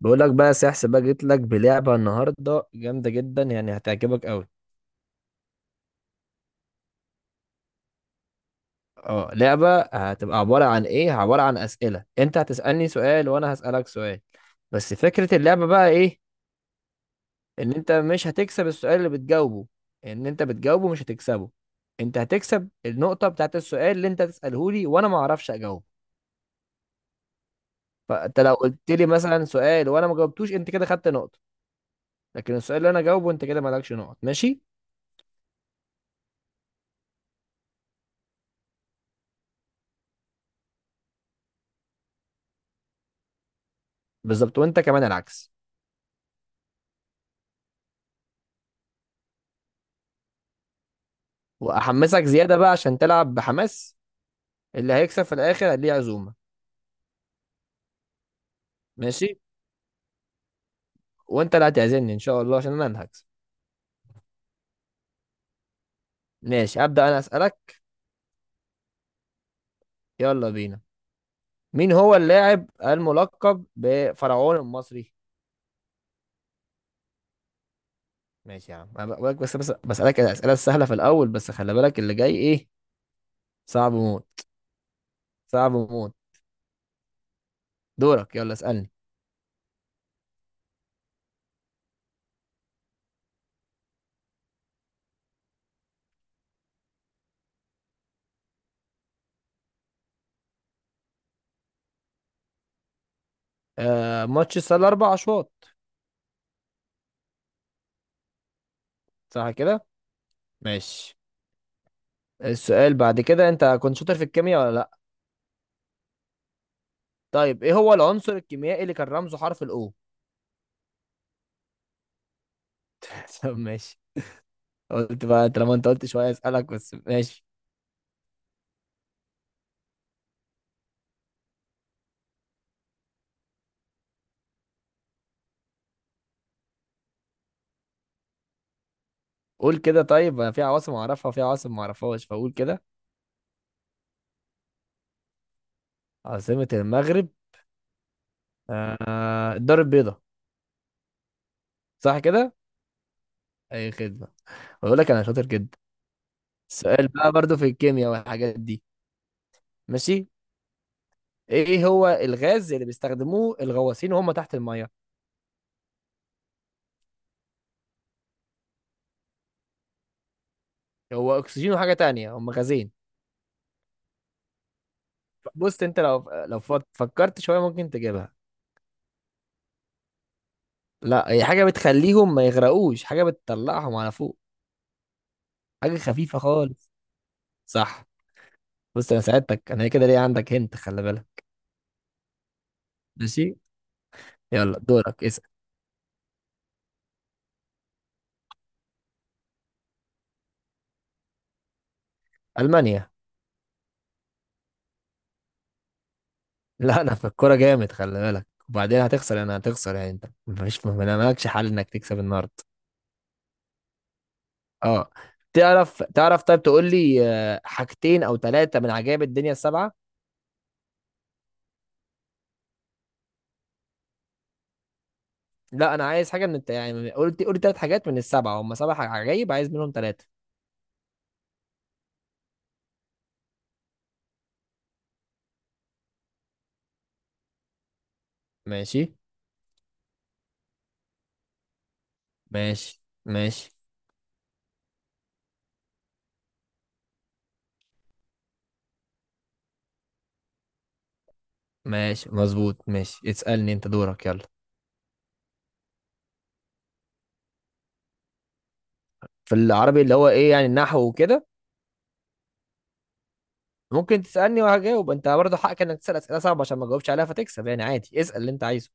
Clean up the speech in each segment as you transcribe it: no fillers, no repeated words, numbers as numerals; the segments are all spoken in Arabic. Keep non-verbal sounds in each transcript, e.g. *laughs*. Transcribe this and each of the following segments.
بقول لك بقى يا سحس بقى جيت لك بلعبة النهاردة جامدة جدا، يعني هتعجبك قوي. اه، لعبة هتبقى عبارة عن ايه؟ عبارة عن أسئلة، انت هتسألني سؤال وانا هسألك سؤال. بس فكرة اللعبة بقى ايه؟ ان انت مش هتكسب السؤال اللي بتجاوبه. ان انت بتجاوبه مش هتكسبه. انت هتكسب النقطة بتاعت السؤال اللي انت تسأله لي وانا ما اعرفش اجاوبه. فانت لو قلت لي مثلا سؤال وانا ما جاوبتوش انت كده خدت نقطة. لكن السؤال اللي انا جاوبه انت كده مالكش نقط. ماشي؟ بالظبط. وانت كمان العكس. واحمسك زياده بقى عشان تلعب بحماس. اللي هيكسب في الاخر ليه عزومه. ماشي. وانت اللي هتعزمني ان شاء الله عشان انا اللي هكسب. ماشي، ابدا انا اسالك. يلا بينا. مين هو اللاعب الملقب بفرعون المصري؟ ماشي يا عم. أنا بقولك بس بس بسالك الاسئله السهله في الاول، بس خلي بالك اللي جاي ايه. صعب موت. صعب موت. دورك، يلا اسالني. آه، ماتش السله اربع اشواط. صح كده. ماشي. السؤال بعد كده، انت كنت شاطر في الكيمياء ولا لا؟ طيب، ايه هو العنصر الكيميائي اللي كان رمزه حرف الاو؟ *laughs* طب ماشي. قلت بقى طالما انت قلت شويه اسالك بس. ماشي. قول كده. طيب انا في عواصم اعرفها وفي عواصم ما اعرفهاش، فقول كده. عاصمه المغرب. آه، الدار البيضاء. صح كده. اي خدمه. بقول لك انا شاطر جدا. السؤال بقى برضو في الكيمياء والحاجات دي. ماشي. ايه هو الغاز اللي بيستخدموه الغواصين وهم تحت الميه؟ هو اكسجين وحاجه تانية، هم غازين. بص انت لو فكرت شويه ممكن تجيبها. لا، هي حاجه بتخليهم ما يغرقوش، حاجه بتطلعهم على فوق. حاجه خفيفه خالص. صح. بص انا ساعدتك، انا كده ليه عندك هنت، خلي بالك. ماشي، يلا دورك اسأل. المانيا. *laughs* لا انا في الكوره جامد خلي بالك، وبعدين هتخسر. انا هتخسر يعني، انت مفيش ما مالكش حل انك تكسب النهارده. اه. تعرف تعرف طيب، تقول لي حاجتين او ثلاثه من عجائب الدنيا السبعه. لا، انا عايز حاجه من يعني قلت ثلاث حاجات من السبعه، هم عجائب، عايز منهم ثلاثه. ماشي ماشي. ماشي ماشي مظبوط. ماشي اسالني، انت دورك يلا. في العربي اللي هو ايه يعني، النحو وكده؟ ممكن تسألني وهجاوب، انت برضه حقك انك تسأل أسئلة صعبة عشان ما تجاوبش عليها فتكسب. يعني عادي، اسأل اللي انت عايزه.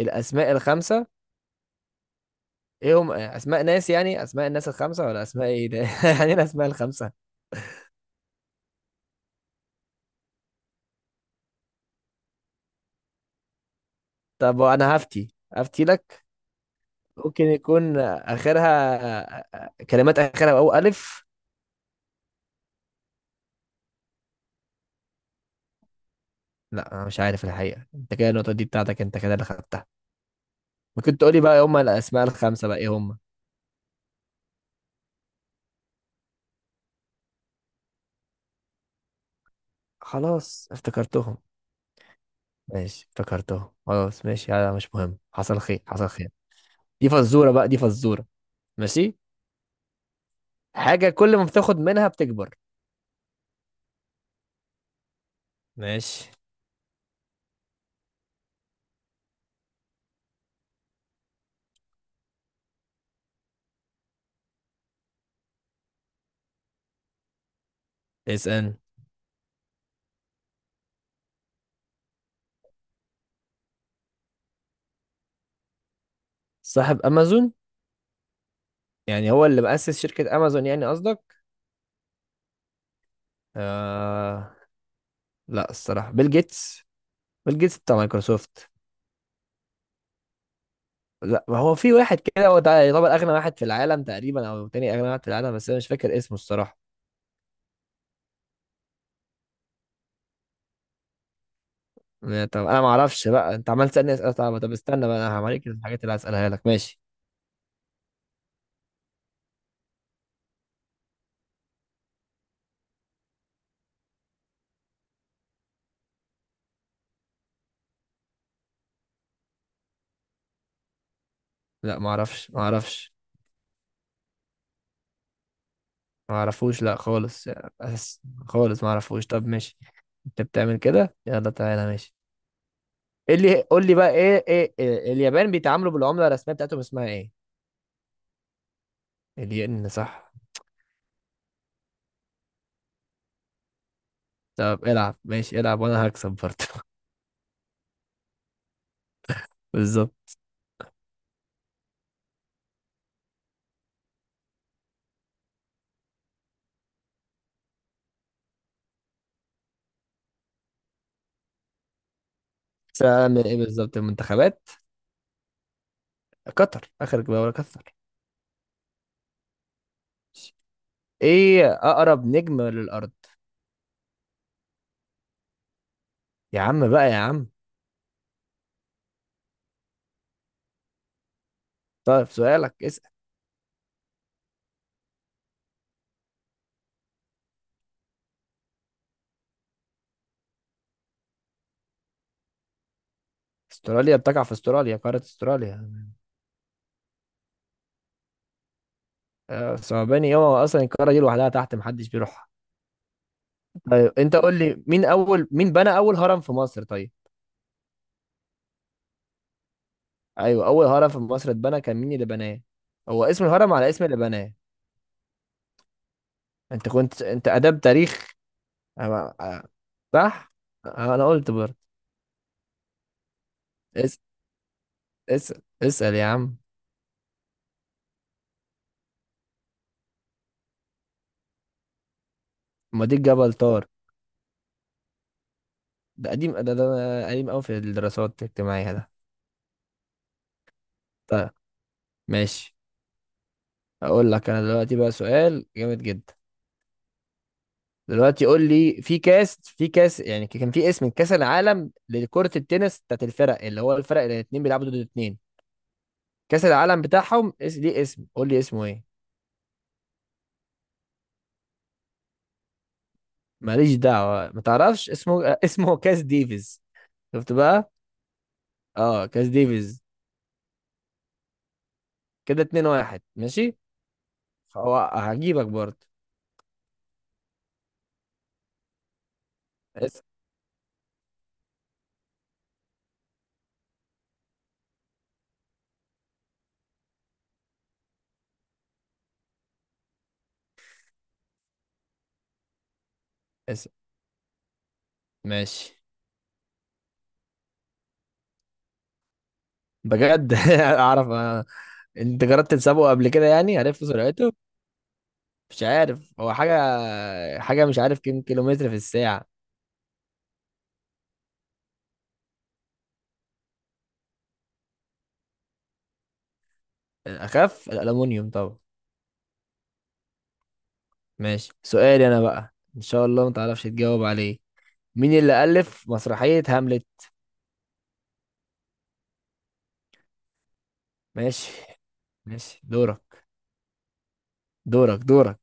الأسماء الخمسة؟ ايه هم، أسماء ناس يعني، أسماء الناس الخمسة؟ ولا أسماء ايه ده؟ *laughs* يعني ايه الأسماء الخمسة؟ طب وأنا هفتي، هفتي لك. ممكن يكون آخرها كلمات، آخرها أو ألف. لا، أنا مش عارف الحقيقة. انت كده النقطة دي بتاعتك، انت كده اللي خدتها. ممكن تقولي بقى ايه هم الأسماء الخمسة بقى ايه هم؟ خلاص افتكرتهم. ماشي افتكرتهم خلاص. ماشي، هذا مش مهم. حصل خير حصل خير. دي فزورة بقى، دي فزورة. ماشي. حاجة كل ما بتاخد منها بتكبر. ماشي. اسأل. صاحب أمازون؟ يعني هو اللي مؤسس شركة أمازون يعني، قصدك؟ آه... لا، الصراحة بيل جيتس. بيل جيتس بتاع مايكروسوفت. لا، ما هو في واحد كده هو ده يعتبر أغنى واحد في العالم تقريبا، أو تاني أغنى واحد في العالم، بس أنا مش فاكر اسمه الصراحة. يعني طب أنا ما أعرفش بقى، أنت عمال تسألني أسئلة صعبة. طب استنى بقى أنا هوريك الحاجات اللي هسألها لك. ماشي. لا، ما أعرفش. ما أعرفوش لا خالص. بس خالص ما أعرفوش. طب ماشي. انت بتعمل كده، يلا تعالى ماشي. ايه اللي قول لي بقى، ايه ايه إيه اليابان بيتعاملوا بالعملة الرسمية بتاعتهم اسمها ايه؟ الين. صح. طب العب، ماشي العب وانا هكسب برضه. *laughs* بالظبط. سألني ايه بالظبط، المنتخبات؟ قطر، اخر جولة قطر. ايه اقرب نجم للارض؟ يا عم بقى يا عم. طيب سؤالك اسأل. استراليا بتقع في استراليا، قارة استراليا. آه، صعباني ايه هو، اصلا القارة دي لوحدها تحت محدش بيروحها. طيب انت قول لي مين اول، مين بنى اول هرم في مصر طيب. ايوه، اول هرم في مصر اتبنى كان مين اللي بناه؟ هو اسم الهرم على اسم اللي بناه. انت كنت انت اداب تاريخ. أنا- أنا- صح. أه، انا قلت برضه. اس... اس... اسال يا عم. ما دي جبل طار. ده قديم قوي في الدراسات الاجتماعيه ده. طيب ماشي. اقول لك انا دلوقتي بقى سؤال جامد جدا. دلوقتي قول لي في كاس يعني، كان في اسم كاس العالم لكرة التنس بتاعت الفرق، اللي هو الفرق اللي الاتنين بيلعبوا ضد الاتنين. كاس العالم بتاعهم ليه اسم، قول لي اسمه ايه؟ ماليش دعوة ما تعرفش اسمه. *laughs* آه، اسمه كاس ديفيز. شفت بقى. اه كاس ديفيز. كده اتنين واحد ماشي. هو هجيبك برضه. اس اس ماشي. بجد *laughs* اعرف. آه. انت جربت تسابقه قبل كده يعني عرفت سرعته؟ مش عارف هو حاجة. حاجة، مش عارف كم كيلومتر في الساعة. اخف الالومنيوم طبعا. ماشي. سؤالي انا بقى ان شاء الله ما تعرفش تجاوب عليه. مين اللي الف مسرحية هاملت؟ ماشي. ماشي دورك. دورك.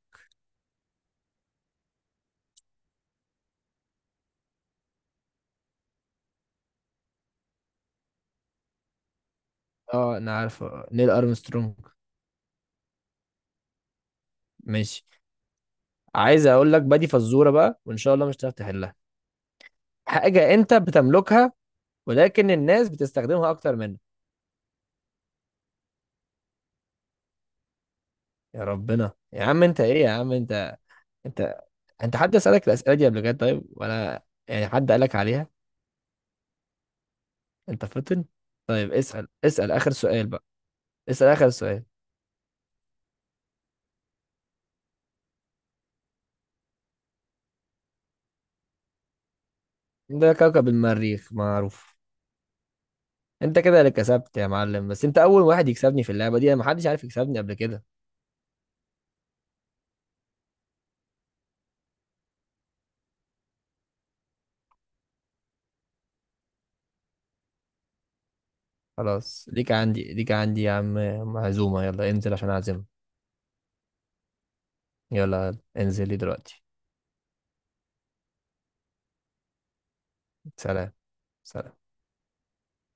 اه انا عارف. نيل ارمسترونج. ماشي. عايز اقول لك بادي فزوره بقى وان شاء الله مش هتعرف تحلها. حاجه انت بتملكها، ولكن الناس بتستخدمها اكتر منك. يا ربنا يا عم انت، ايه يا عم انت. انت انت حد سالك الاسئله دي قبل كده طيب، ولا يعني حد قالك عليها؟ انت فطن. طيب اسال، اسال اخر سؤال بقى. اسال اخر سؤال. ده كوكب المريخ معروف. انت كده اللي كسبت يا معلم. بس انت اول واحد يكسبني في اللعبه دي. انا محدش عارف يكسبني قبل كده. خلاص، ليك عندي ليك عندي يا عم. معزومة، يلا انزل عشان اعزمك. يلا يلا، انزل لي دلوقتي. سلام. سلام.